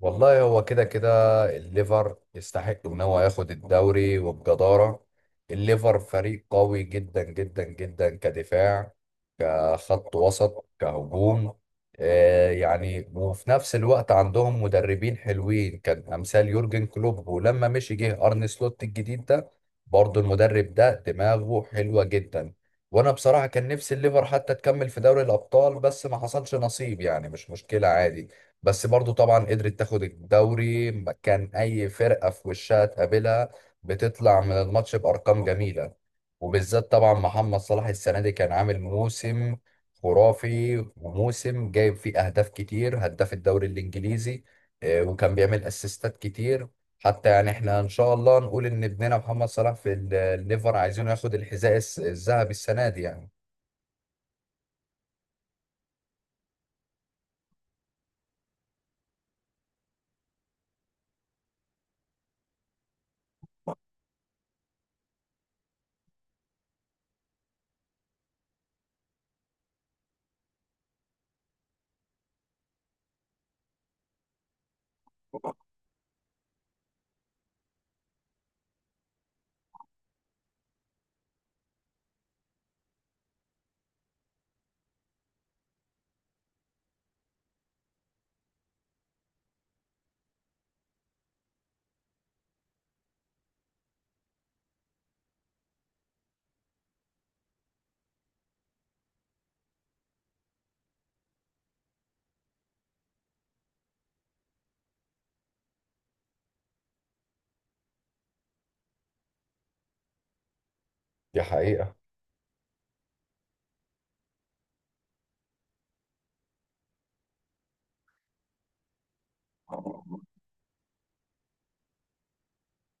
والله هو كده كده، الليفر يستحق ان هو ياخد الدوري وبجدارة. الليفر فريق قوي جدا جدا جدا كدفاع، كخط وسط، كهجوم. وفي نفس الوقت عندهم مدربين حلوين كان امثال يورجن كلوب، ولما مشي جه ارن سلوت الجديد ده برضه المدرب ده دماغه حلوة جدا. وانا بصراحة كان نفسي الليفر حتى تكمل في دوري الابطال، بس ما حصلش نصيب، يعني مش مشكلة عادي. بس برضو طبعا قدرت تاخد الدوري، ما كان اي فرقة في وشها تقابلها بتطلع من الماتش بارقام جميلة. وبالذات طبعا محمد صلاح السنة دي كان عامل موسم خرافي، وموسم جايب فيه اهداف كتير، هداف الدوري الانجليزي. وكان بيعمل اسيستات كتير. حتى يعني احنا ان شاء الله نقول ان ابننا محمد صلاح في الليفر عايزينه ياخد الحذاء الذهبي السنة دي يعني. دي حقيقة.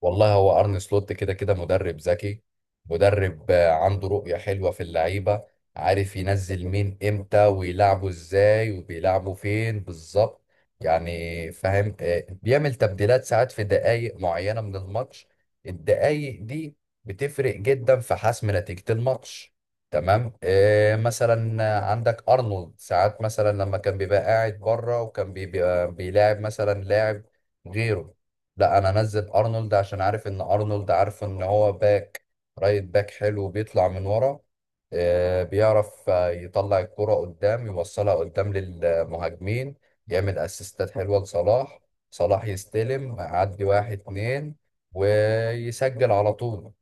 والله هو ارن سلوت كده كده مدرب ذكي، مدرب عنده رؤية حلوة في اللعيبة، عارف ينزل مين امتى ويلعبوا ازاي وبيلعبوا فين بالظبط، يعني فاهم. بيعمل تبديلات ساعات في دقائق معينة من الماتش، الدقائق دي بتفرق جدا في حسم نتيجة الماتش. تمام. مثلا عندك ارنولد، ساعات مثلا لما كان بيبقى قاعد بره وكان بيبقى بيلاعب مثلا لاعب غيره، لا انا انزل ارنولد عشان عارف ان ارنولد عارف ان هو باك، رايت باك حلو بيطلع من ورا، بيعرف يطلع الكرة قدام، يوصلها قدام للمهاجمين، يعمل اسيستات حلوة لصلاح، صلاح يستلم يعدي واحد اتنين ويسجل على طول.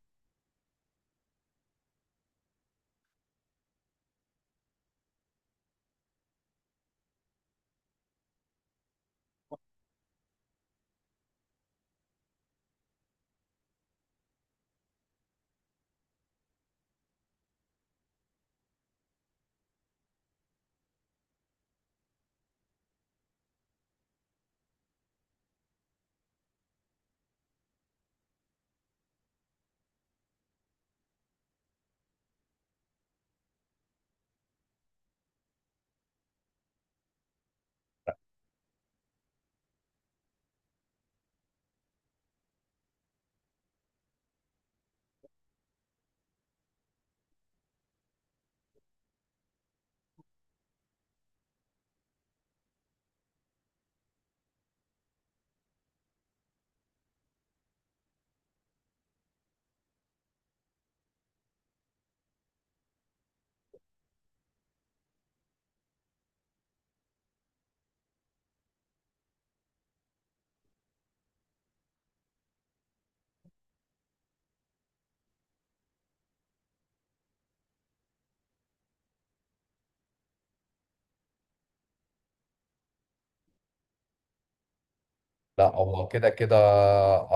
لا هو كده كده،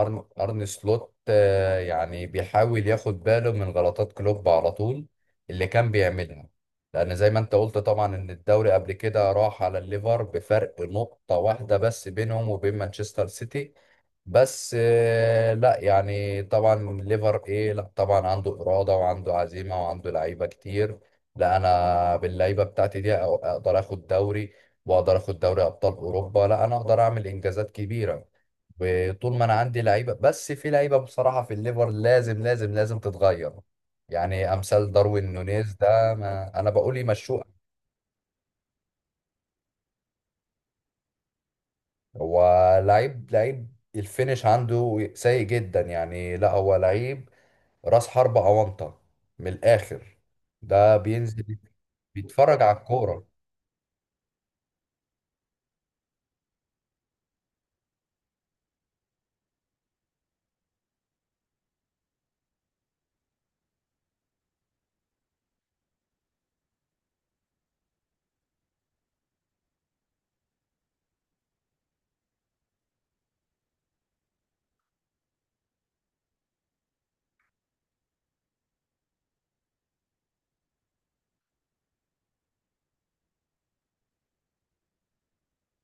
أرن سلوت يعني بيحاول ياخد باله من غلطات كلوب على طول اللي كان بيعملها. لأن زي ما أنت قلت طبعا إن الدوري قبل كده راح على الليفر بفرق نقطة واحدة بس بينهم وبين مانشستر سيتي. بس لا يعني طبعا الليفر إيه، لا طبعا عنده إرادة وعنده عزيمة وعنده لعيبة كتير، لا أنا باللعيبة بتاعتي دي أقدر آخد دوري واقدر اخد دوري ابطال اوروبا، لا انا اقدر اعمل انجازات كبيره وطول ما انا عندي لعيبه. بس في لعيبه بصراحه في الليفر لازم لازم لازم تتغير، يعني امثال داروين نونيز ده ما انا بقول يمشوه. هو لعيب، لعيب الفينش عنده سيء جدا، يعني لا هو لعيب راس حربة اونطه من الاخر، ده بينزل بيتفرج على الكوره.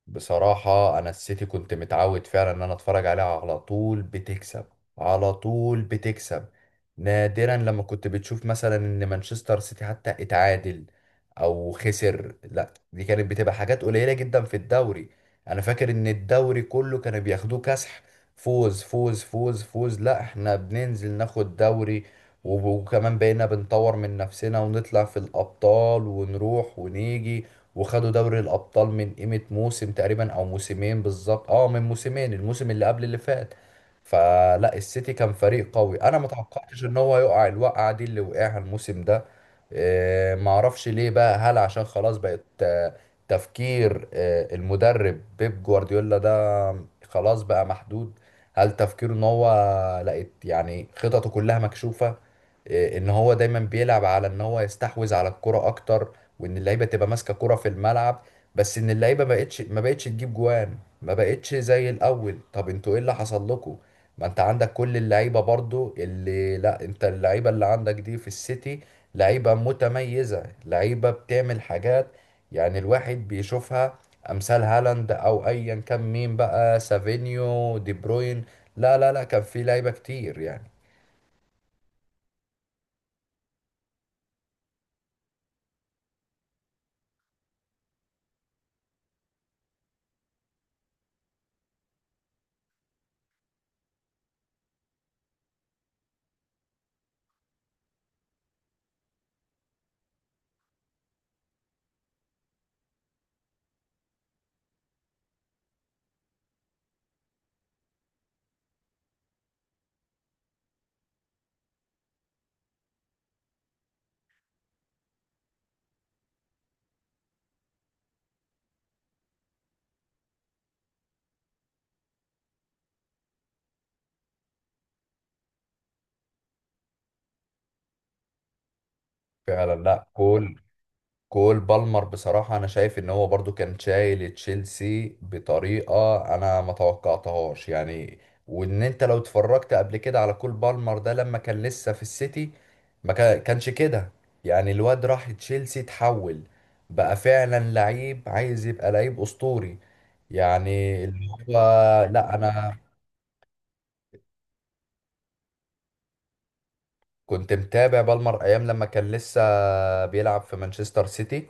بصراحة أنا السيتي كنت متعود فعلا إن أنا أتفرج عليها على طول بتكسب، على طول بتكسب. نادرا لما كنت بتشوف مثلا إن مانشستر سيتي حتى اتعادل أو خسر، لا دي كانت بتبقى حاجات قليلة جدا في الدوري. أنا فاكر إن الدوري كله كانوا بياخدوه كسح، فوز فوز فوز فوز، لا إحنا بننزل ناخد دوري وكمان بقينا بنطور من نفسنا ونطلع في الأبطال ونروح ونيجي وخدوا دوري الأبطال من قيمة موسم تقريبا أو موسمين بالظبط، اه من موسمين، الموسم اللي قبل اللي فات. فلا السيتي كان فريق قوي، أنا ما توقعتش إن هو يقع الوقعة دي اللي وقعها الموسم ده. ما اعرفش ليه بقى، هل عشان خلاص بقت تفكير المدرب بيب جوارديولا ده خلاص بقى محدود؟ هل تفكيره ان هو لقيت يعني خططه كلها مكشوفة؟ ان هو دايما بيلعب على ان هو يستحوذ على الكرة اكتر وان اللعيبه تبقى ماسكه كرة في الملعب، بس ان اللعيبه ما بقتش تجيب جوان، ما بقتش زي الاول. طب انتوا ايه اللي حصل لكم؟ ما انت عندك كل اللعيبه برضو اللي، لا انت اللعيبه اللي عندك دي في السيتي لعيبه متميزه، لعيبه بتعمل حاجات يعني الواحد بيشوفها، امثال هالاند او ايا كان مين بقى، سافينيو، دي بروين، لا لا لا كان في لعيبه كتير يعني. فعلا، لا كل كول بالمر بصراحة أنا شايف إن هو برضو كان شايل تشيلسي بطريقة أنا ما توقعتهاش يعني. وإن أنت لو اتفرجت قبل كده على كول بالمر ده لما كان لسه في السيتي ما كا- كانش كده. يعني الواد راح تشيلسي اتحول، بقى فعلا لعيب عايز يبقى لعيب أسطوري، يعني اللي هو لا أنا كنت متابع بالمر أيام لما كان لسه بيلعب في مانشستر سيتي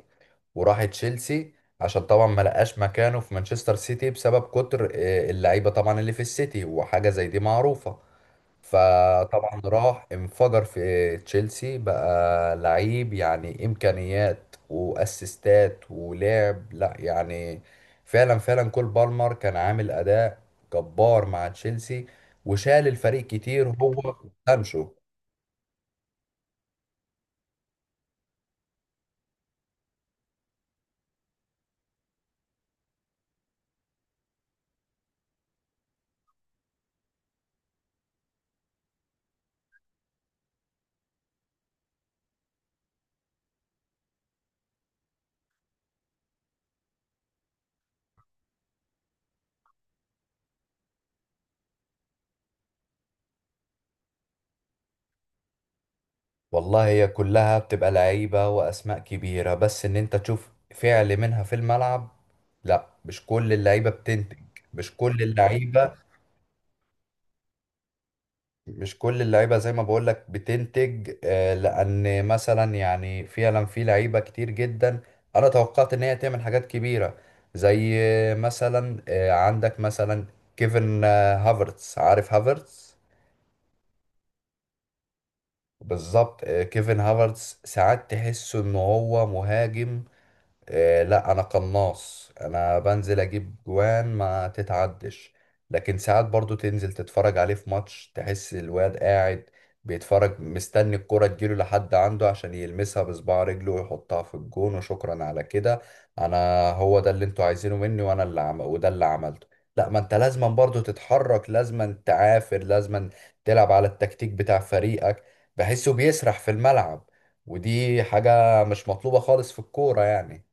وراح تشيلسي عشان طبعا ما لقاش مكانه في مانشستر سيتي بسبب كتر اللعيبه طبعا اللي في السيتي، وحاجه زي دي معروفه. فطبعا راح انفجر في تشيلسي، بقى لعيب يعني امكانيات واسيستات ولعب، لا يعني فعلا فعلا كول بالمر كان عامل اداء جبار مع تشيلسي، وشال الفريق كتير هو وسانشو. والله هي كلها بتبقى لعيبة وأسماء كبيرة، بس إن أنت تشوف فعل منها في الملعب، لا مش كل اللعيبة بتنتج، مش كل اللعيبة. مش كل اللعيبة زي ما بقولك بتنتج، لأن مثلا يعني فعلا في لعيبة كتير جدا أنا توقعت إن هي تعمل حاجات كبيرة، زي مثلا، عندك مثلا كيفن هافرتس، عارف هافرتس؟ بالظبط. كيفن هافرتس ساعات تحسه إن هو مهاجم، لا انا قناص انا بنزل اجيب جوان ما تتعدش. لكن ساعات برضو تنزل تتفرج عليه في ماتش تحس الواد قاعد بيتفرج مستني الكرة تجيله لحد عنده عشان يلمسها بصباع رجله ويحطها في الجون وشكرا على كده. انا هو ده اللي انتوا عايزينه مني وانا اللي عم... وده اللي عملته، لا ما انت لازما برضو تتحرك، لازما تعافر، لازما تلعب على التكتيك بتاع فريقك. بحسه بيسرح في الملعب، ودي حاجة مش مطلوبة خالص في الكورة يعني.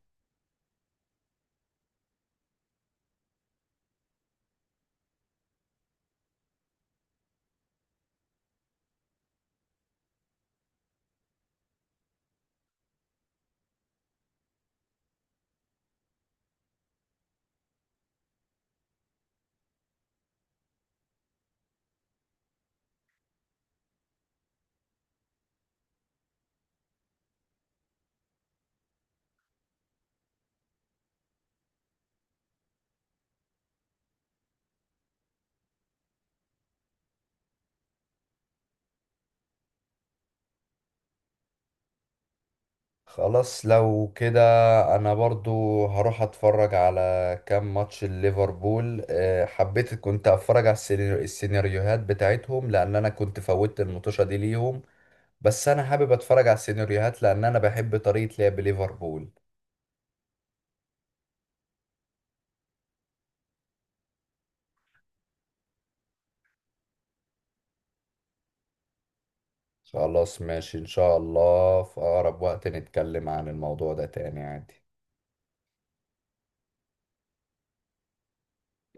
خلاص لو كده انا برضو هروح اتفرج على كام ماتش ليفربول، حبيت كنت اتفرج على السيناريوهات بتاعتهم لان انا كنت فوتت المطوشة دي ليهم، بس انا حابب اتفرج على السيناريوهات لان انا بحب طريقة لعب ليفربول. خلاص ماشي، ان شاء الله في اقرب وقت نتكلم عن الموضوع ده تاني عادي.